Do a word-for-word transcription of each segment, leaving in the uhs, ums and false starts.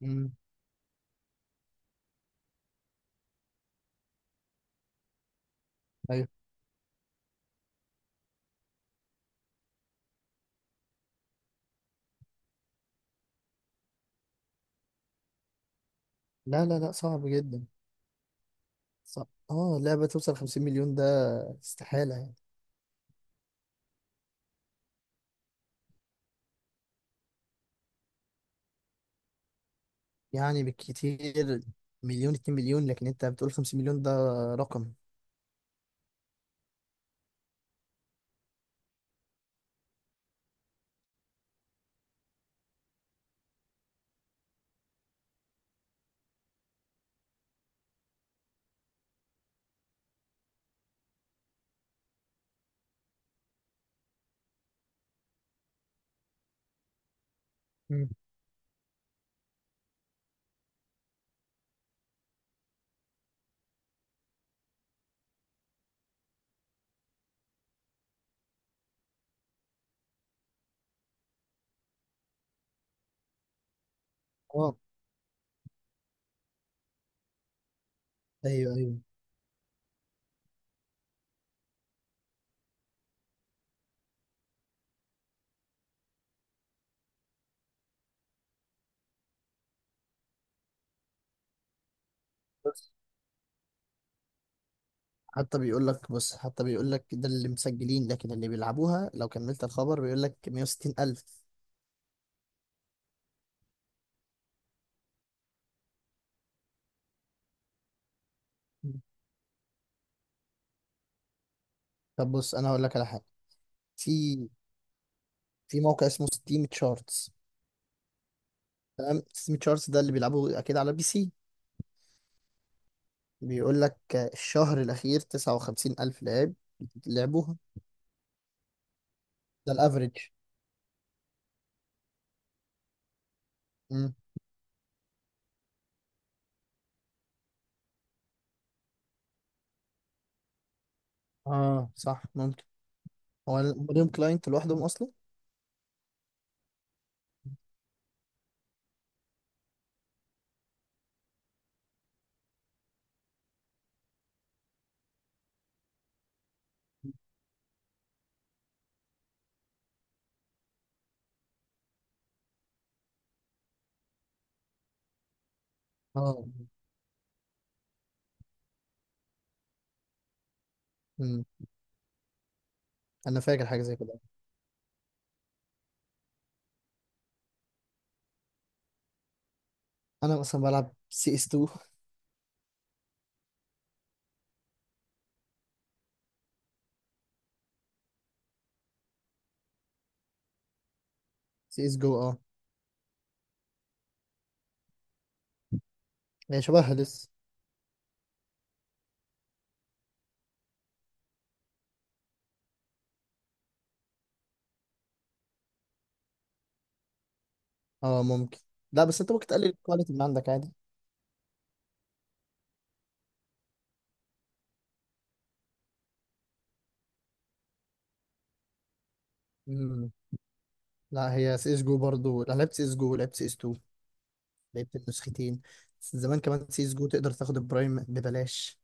مم. ايوه. لا لا لا، صعب جدا. صعب. اه، لعبة توصل خمسين مليون ده استحالة يعني يعني بالكتير مليون، اتنين مليون، لكن انت بتقول خمسين مليون ده رقم. مم. اه ايوه ايوه، بس حتى بيقول لك بص، حتى بيقول لك ده اللي مسجلين، لكن اللي بيلعبوها لو كملت الخبر بيقول لك مية وستين ألف. مم. طب بص، انا هقول لك على حاجة. في في موقع اسمه ستيم تشارتس. تمام، ستيم تشارتس ده اللي بيلعبوا اكيد على بي سي. بيقول لك الشهر الأخير تسعة وخمسين الف ألف لاعب لعبوها. ده الأفريج. مم. اه صح ممكن. هو ال- ليهم كلاينت لوحدهم أصلا. اه. مم. أنا فاكر حاجة زي كده. أنا مثلا بلعب سي اس تو. سي اس جو، اه. هي شبهها لسه. اه ممكن. لا بس أنت ممكن تقلل الكواليتي من عندك عادي. مم. لا، هي سي اس جو برضه. أنا لعبت سي اس جو ولعبت سي اس اتنين. لعبت النسختين. بس زمان كمان سي اس جو تقدر تاخد البرايم ببلاش،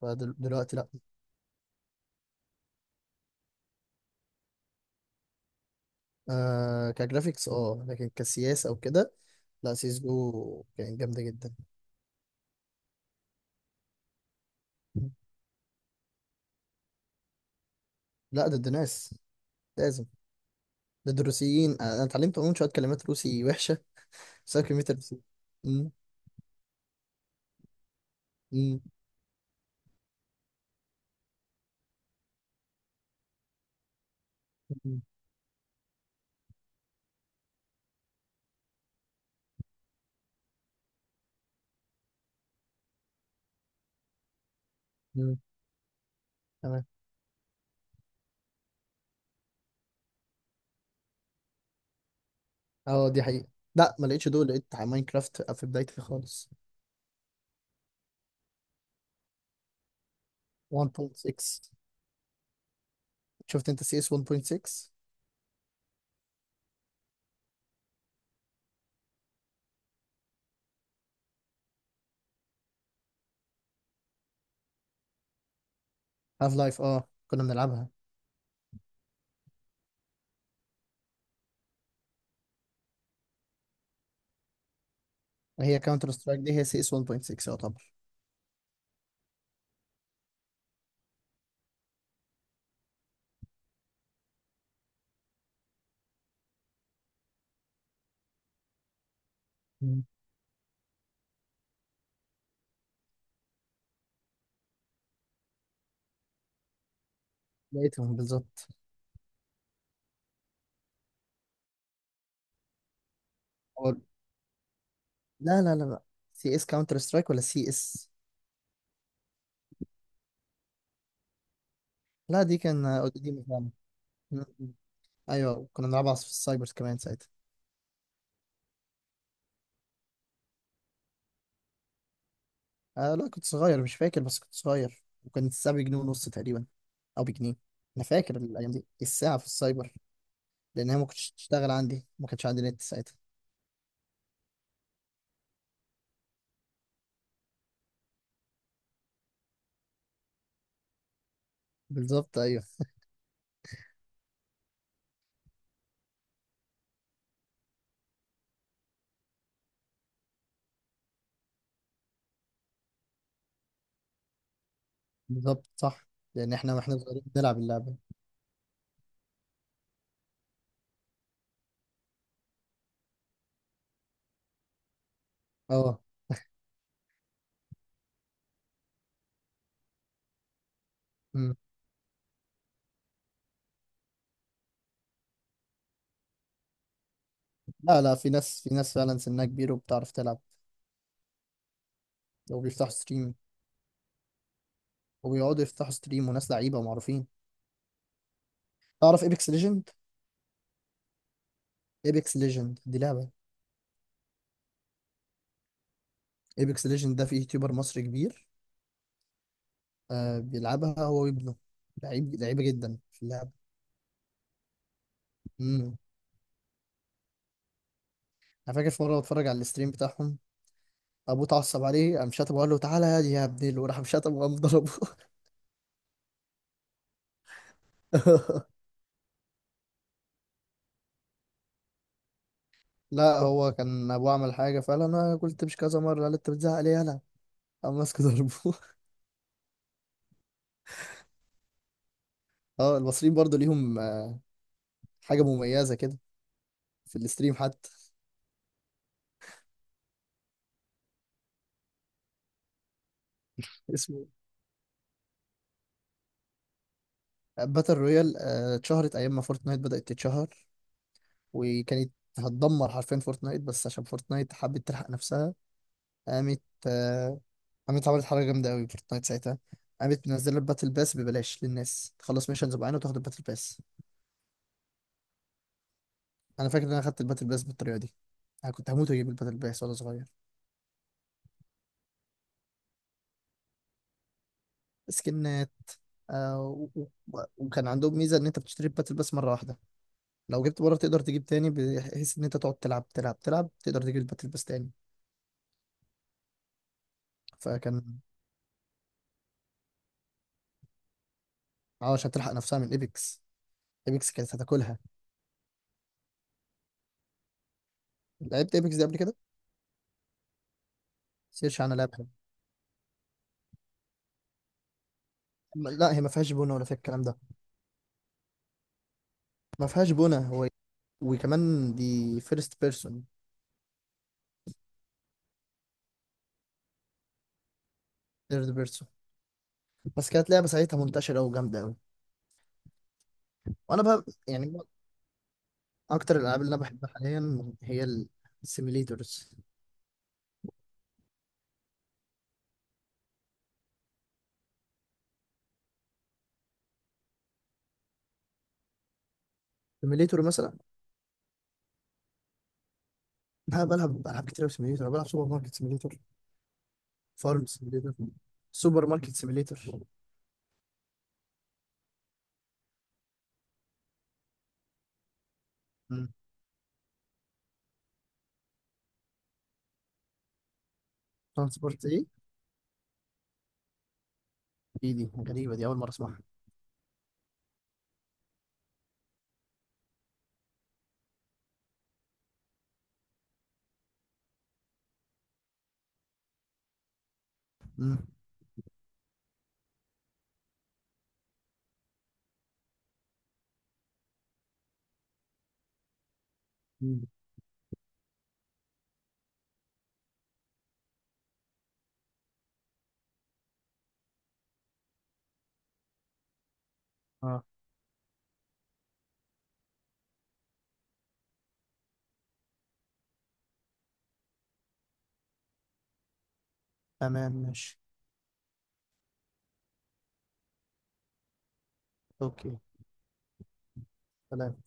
فدلوقتي لا. آه، كجرافيكس اه، لكن كسياسة او كده لا، سيس جو كانت جامدة جدا. لا، ضد ناس. لازم. ضد الروسيين. آه، انا اتعلمت عموما شوية كلمات روسي وحشة بسبب كمية الروسيين. مم، مم، مم، مم، تمام. اه دي حقيقة. لا، ما لقيتش دول. لقيت على ماينكرافت في بدايتي خالص. واحد نقطة ستة؟ شفت انت سي اس واحد نقطة ستة؟ هاف لايف، اه، كنا بنلعبها. هي كاونتر سترايك دي هي سي اس واحد نقطة ستة يعتبر. مم. لقيتهم بالظبط. لا لا لا لا، سي اس كاونتر سترايك ولا سي اس؟ لا، دي كان آه، قديمة فعلا. م- م. ايوه كنا بنلعبها في السايبرز كمان ساعتها. آه لا، كنت صغير مش فاكر، بس كنت صغير وكانت الساعة بجنيه ونص تقريبا، او بجنيه. انا فاكر الايام دي الساعة في السايبر، لان هي ما كنتش تشتغل عندي، ما كانش عندي نت ساعتها. بالظبط، ايوه. بالظبط صح. لان احنا واحنا صغيرين بنلعب اللعبة. اه. م. لا لا، في ناس، في ناس فعلا سنها كبير وبتعرف تلعب وبيفتحوا ستريم. وبيقعدوا يفتحوا ستريم وناس لعيبة ومعروفين. تعرف ايبكس ليجند؟ ايبكس ليجند دي لعبة. ايبكس ليجند ده في يوتيوبر مصري كبير، آه بيلعبها هو وابنه. لعيب لعيبة جدا في اللعبة. امم. انا فاكر في مرة بتفرج على الستريم بتاعهم، ابوه اتعصب عليه، قام شاتم وقال له تعالى يا دي يا ابني، وراح مشاتم وقام ضربه. لا، هو كان ابوه عمل حاجة فقال انا قلت مش كذا مرة، قال انت بتزعق ليه يالا، قام ماسك ضربه. اه، المصريين برضو ليهم آه، حاجة مميزة كده في الستريم حتى. اسمه باتل رويال. آه، اتشهرت ايام ما فورتنايت بدأت تتشهر، وكانت هتدمر حرفيا فورتنايت، بس عشان فورتنايت حبت تلحق نفسها، قامت آه، قامت عملت حاجة جامدة أوي فورتنايت ساعتها. قامت منزلة الباتل باس ببلاش للناس تخلص ميشنز معينة وتاخد الباتل باس. أنا فاكر إن أنا خدت الباتل باس بالطريقة دي. أنا كنت هموت وأجيب الباتل باس وأنا صغير. سكنات. آه. و- و- وكان عندهم ميزة إن أنت بتشتري الباتل باس مرة واحدة، لو جبت مرة تقدر تجيب تاني، بحيث إن أنت تقعد تلعب تلعب تلعب، تقدر تجيب الباتل باس تاني. فكان اه عشان تلحق نفسها من إيبكس. إيبكس كانت هتاكلها. لعبت ايبكس دي قبل كده؟ سيرش عنها، لعب حلو. م- لا، هي ما فيهاش بونه ولا فيها الكلام ده. ما فيهاش بونه هو. وكمان دي فيرست بيرسون. ثيرد بيرسون؟ بس كانت لعبه ساعتها منتشره قوي وجامده قوي. وانا بقى يعني اكتر الالعاب اللي انا بحبها حاليا هي السيميليتورز. سيميليتور مثلا، انا بلعب العاب كتير أوي سيميليتور. أنا بلعب سوبر ماركت سيميليتور، فارم سيميليتور، سوبر ماركت سيميليتور. ترانسبورت ايه؟ دي دي غريبه، دي اول مره اسمعها. مم. مم. اه تمام ماشي. اوكي. سلام.